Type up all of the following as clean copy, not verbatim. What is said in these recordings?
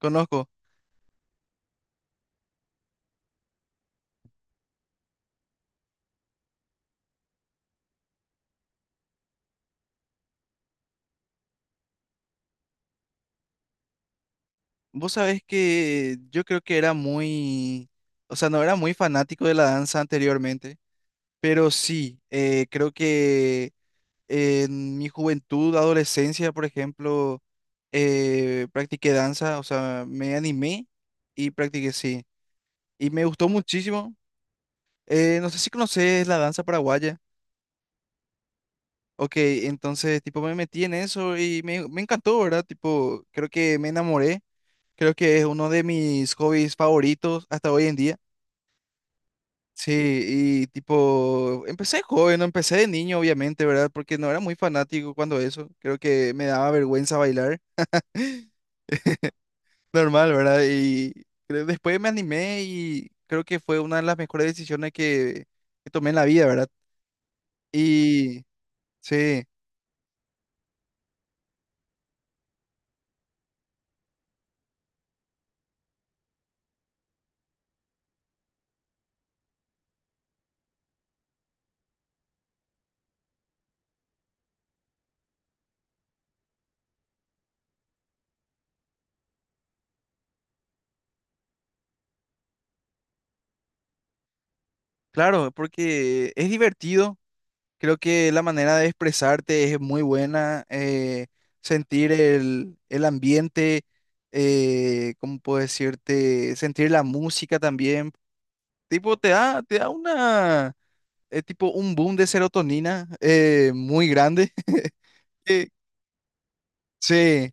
Conozco. Vos sabés que yo creo que era muy, o sea, no era muy fanático de la danza anteriormente, pero sí, creo que en mi juventud, adolescencia, por ejemplo, practiqué danza, o sea, me animé y practiqué, sí. Y me gustó muchísimo. No sé si conoces la danza paraguaya. Ok, entonces, tipo, me metí en eso y me encantó, ¿verdad? Tipo, creo que me enamoré. Creo que es uno de mis hobbies favoritos hasta hoy en día. Sí, y tipo, empecé joven, no empecé de niño, obviamente, ¿verdad? Porque no era muy fanático cuando eso. Creo que me daba vergüenza bailar. Normal, ¿verdad? Y después me animé y creo que fue una de las mejores decisiones que tomé en la vida, ¿verdad? Y sí, claro, porque es divertido. Creo que la manera de expresarte es muy buena, sentir el ambiente, ¿cómo puedo decirte? Sentir la música también. Tipo, te da una, tipo un boom de serotonina muy grande. Eh, Sí,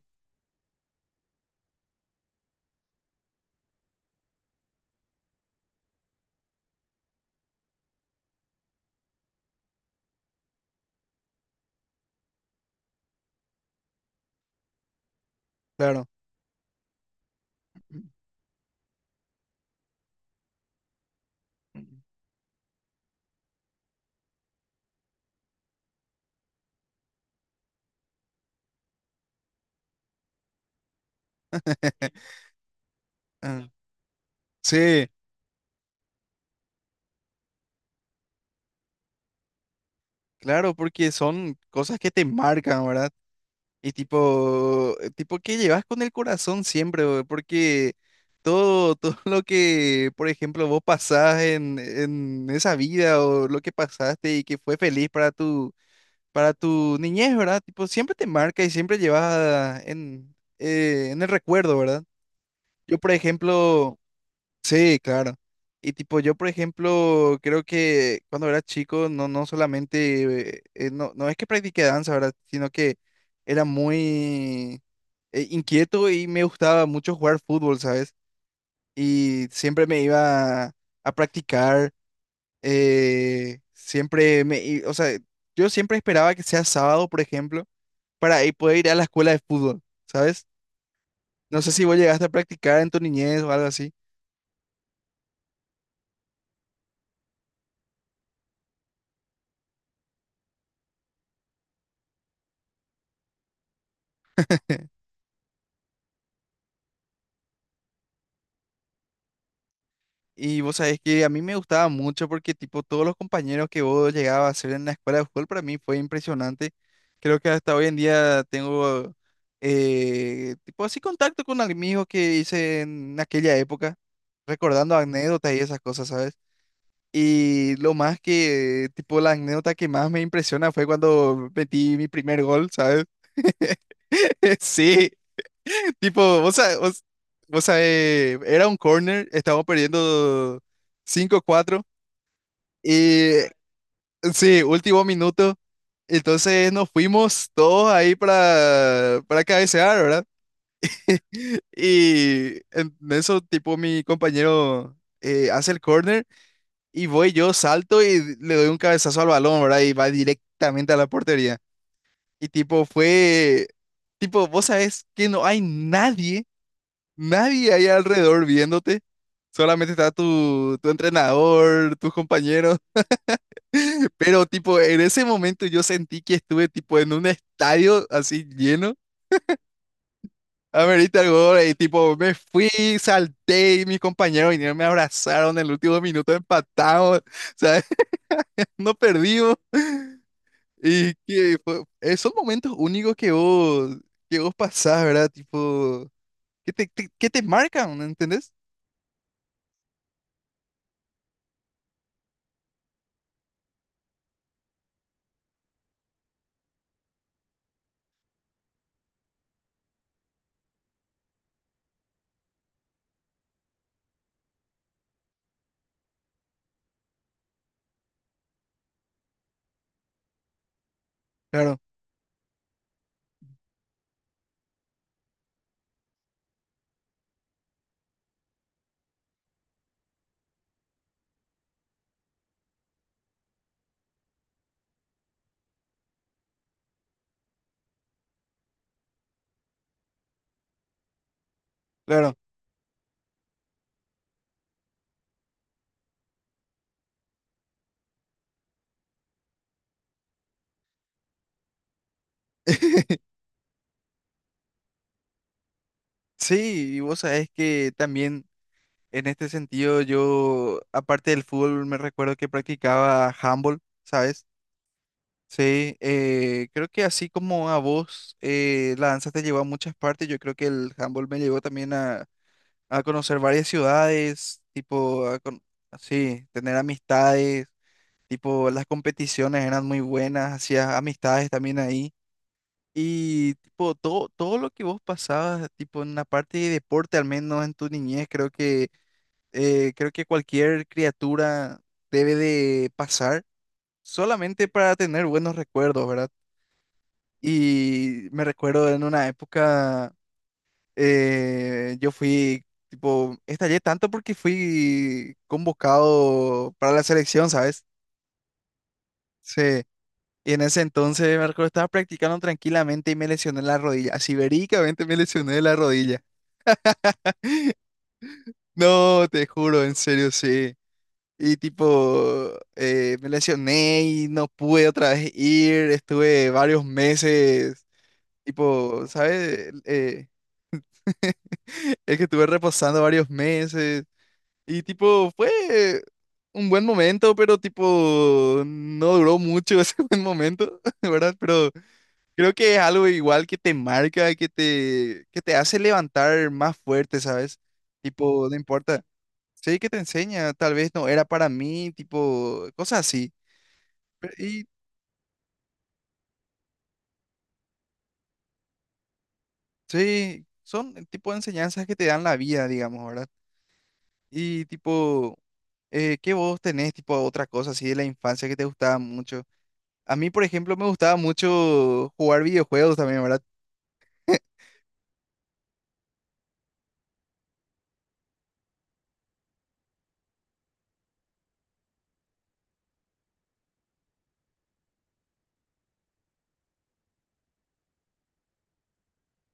claro. Ah, sí, claro, porque son cosas que te marcan, ¿verdad? Y tipo, tipo que llevas con el corazón siempre, bro, porque todo lo que, por ejemplo, vos pasás en esa vida o lo que pasaste y que fue feliz para tu niñez, ¿verdad? Tipo, siempre te marca y siempre llevas en el recuerdo, ¿verdad? Yo, por ejemplo. Sí, claro. Y tipo, yo por ejemplo, creo que cuando era chico, no, no solamente, no, no es que practiqué danza, ¿verdad? Sino que era muy inquieto y me gustaba mucho jugar fútbol, ¿sabes? Y siempre me iba a practicar, siempre o sea, yo siempre esperaba que sea sábado, por ejemplo, para poder ir a la escuela de fútbol, ¿sabes? No sé si vos llegaste a practicar en tu niñez o algo así. Y vos sabés que a mí me gustaba mucho porque tipo todos los compañeros que vos llegabas a hacer en la escuela de fútbol para mí fue impresionante. Creo que hasta hoy en día tengo tipo así contacto con amigos que hice en aquella época, recordando anécdotas y esas cosas, ¿sabes? Y lo más que tipo la anécdota que más me impresiona fue cuando metí mi primer gol, ¿sabes? Sí, tipo, vos sabés, era un corner, estábamos perdiendo 5-4 y sí, último minuto. Entonces nos fuimos todos ahí para cabecear, ¿verdad? Y en eso, tipo, mi compañero hace el corner y voy yo, salto y le doy un cabezazo al balón, ¿verdad? Y va directamente a la portería. Y tipo, fue, tipo, vos sabés que no hay nadie, nadie ahí alrededor viéndote. Solamente está tu entrenador, tus compañeros. Pero tipo, en ese momento yo sentí que estuve tipo en un estadio así lleno. Amerita el gol y tipo me fui, salté y mis compañeros vinieron, me abrazaron en el último minuto, empatamos, ¿sabes? No perdimos. Y esos momentos únicos que vos pasás, ¿verdad? Tipo, que te marcan, ¿entendés? Claro, claro. Sí, y vos sabés que también. En este sentido, yo, aparte del fútbol, me recuerdo que practicaba handball, ¿sabes? Sí, creo que así como a vos la danza te llevó a muchas partes, yo creo que el handball me llevó también a conocer varias ciudades, tipo, sí, tener amistades, tipo, las competiciones eran muy buenas, hacías amistades también ahí. Y tipo, todo lo que vos pasabas, tipo, en la parte de deporte, al menos en tu niñez, creo que cualquier criatura debe de pasar solamente para tener buenos recuerdos, ¿verdad? Y me recuerdo en una época, yo fui, tipo, estallé tanto porque fui convocado para la selección, ¿sabes? Sí. Y en ese entonces me recuerdo, estaba practicando tranquilamente y me lesioné la rodilla. Así verídicamente me lesioné la rodilla. No, te juro, en serio, sí. Y tipo, me lesioné y no pude otra vez ir, estuve varios meses, tipo, ¿sabes? Es que estuve reposando varios meses y tipo, fue un buen momento, pero tipo, no duró mucho ese buen momento, ¿verdad? Pero creo que es algo igual que te marca, que te hace levantar más fuerte, ¿sabes? Tipo, no importa. Sí, que te enseña, tal vez no era para mí, tipo, cosas así. Y sí, son el tipo de enseñanzas que te dan la vida, digamos, ¿verdad? Y tipo, ¿qué vos tenés, tipo, otra cosa así de la infancia que te gustaba mucho? A mí, por ejemplo, me gustaba mucho jugar videojuegos también, ¿verdad?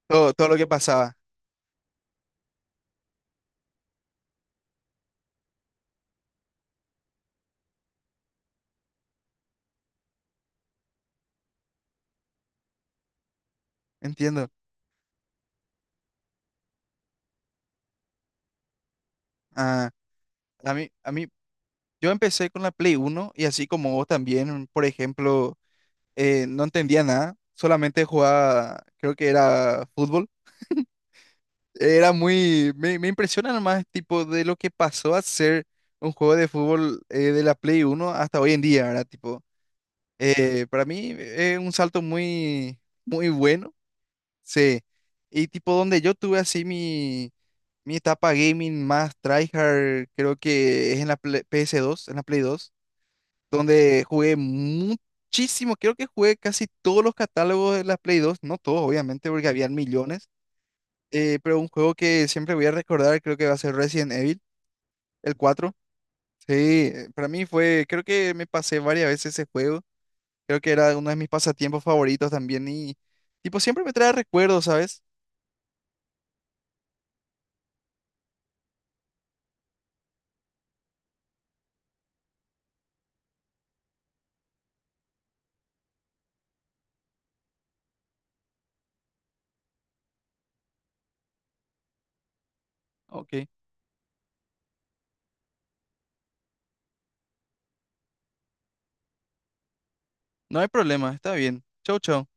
Todo lo que pasaba, entiendo. Ah, a mí, yo empecé con la Play 1 y así como vos también, por ejemplo, no entendía nada, solamente jugaba, creo que era fútbol. Era muy, me impresiona más tipo de lo que pasó a ser un juego de fútbol de la Play 1 hasta hoy en día, ¿verdad? Tipo, para mí es un salto muy, muy bueno, sí. Y tipo donde yo tuve así mi etapa gaming más tryhard, creo que es en la Play 2 donde jugué muchísimo, creo que jugué casi todos los catálogos de la Play 2 no todos obviamente porque habían millones pero un juego que siempre voy a recordar, creo que va a ser Resident Evil, el 4. Sí, para mí fue, creo que me pasé varias veces ese juego. Creo que era uno de mis pasatiempos favoritos también y, tipo, siempre me trae recuerdos, ¿sabes? Ok, no hay problema, está bien. Chau, chau.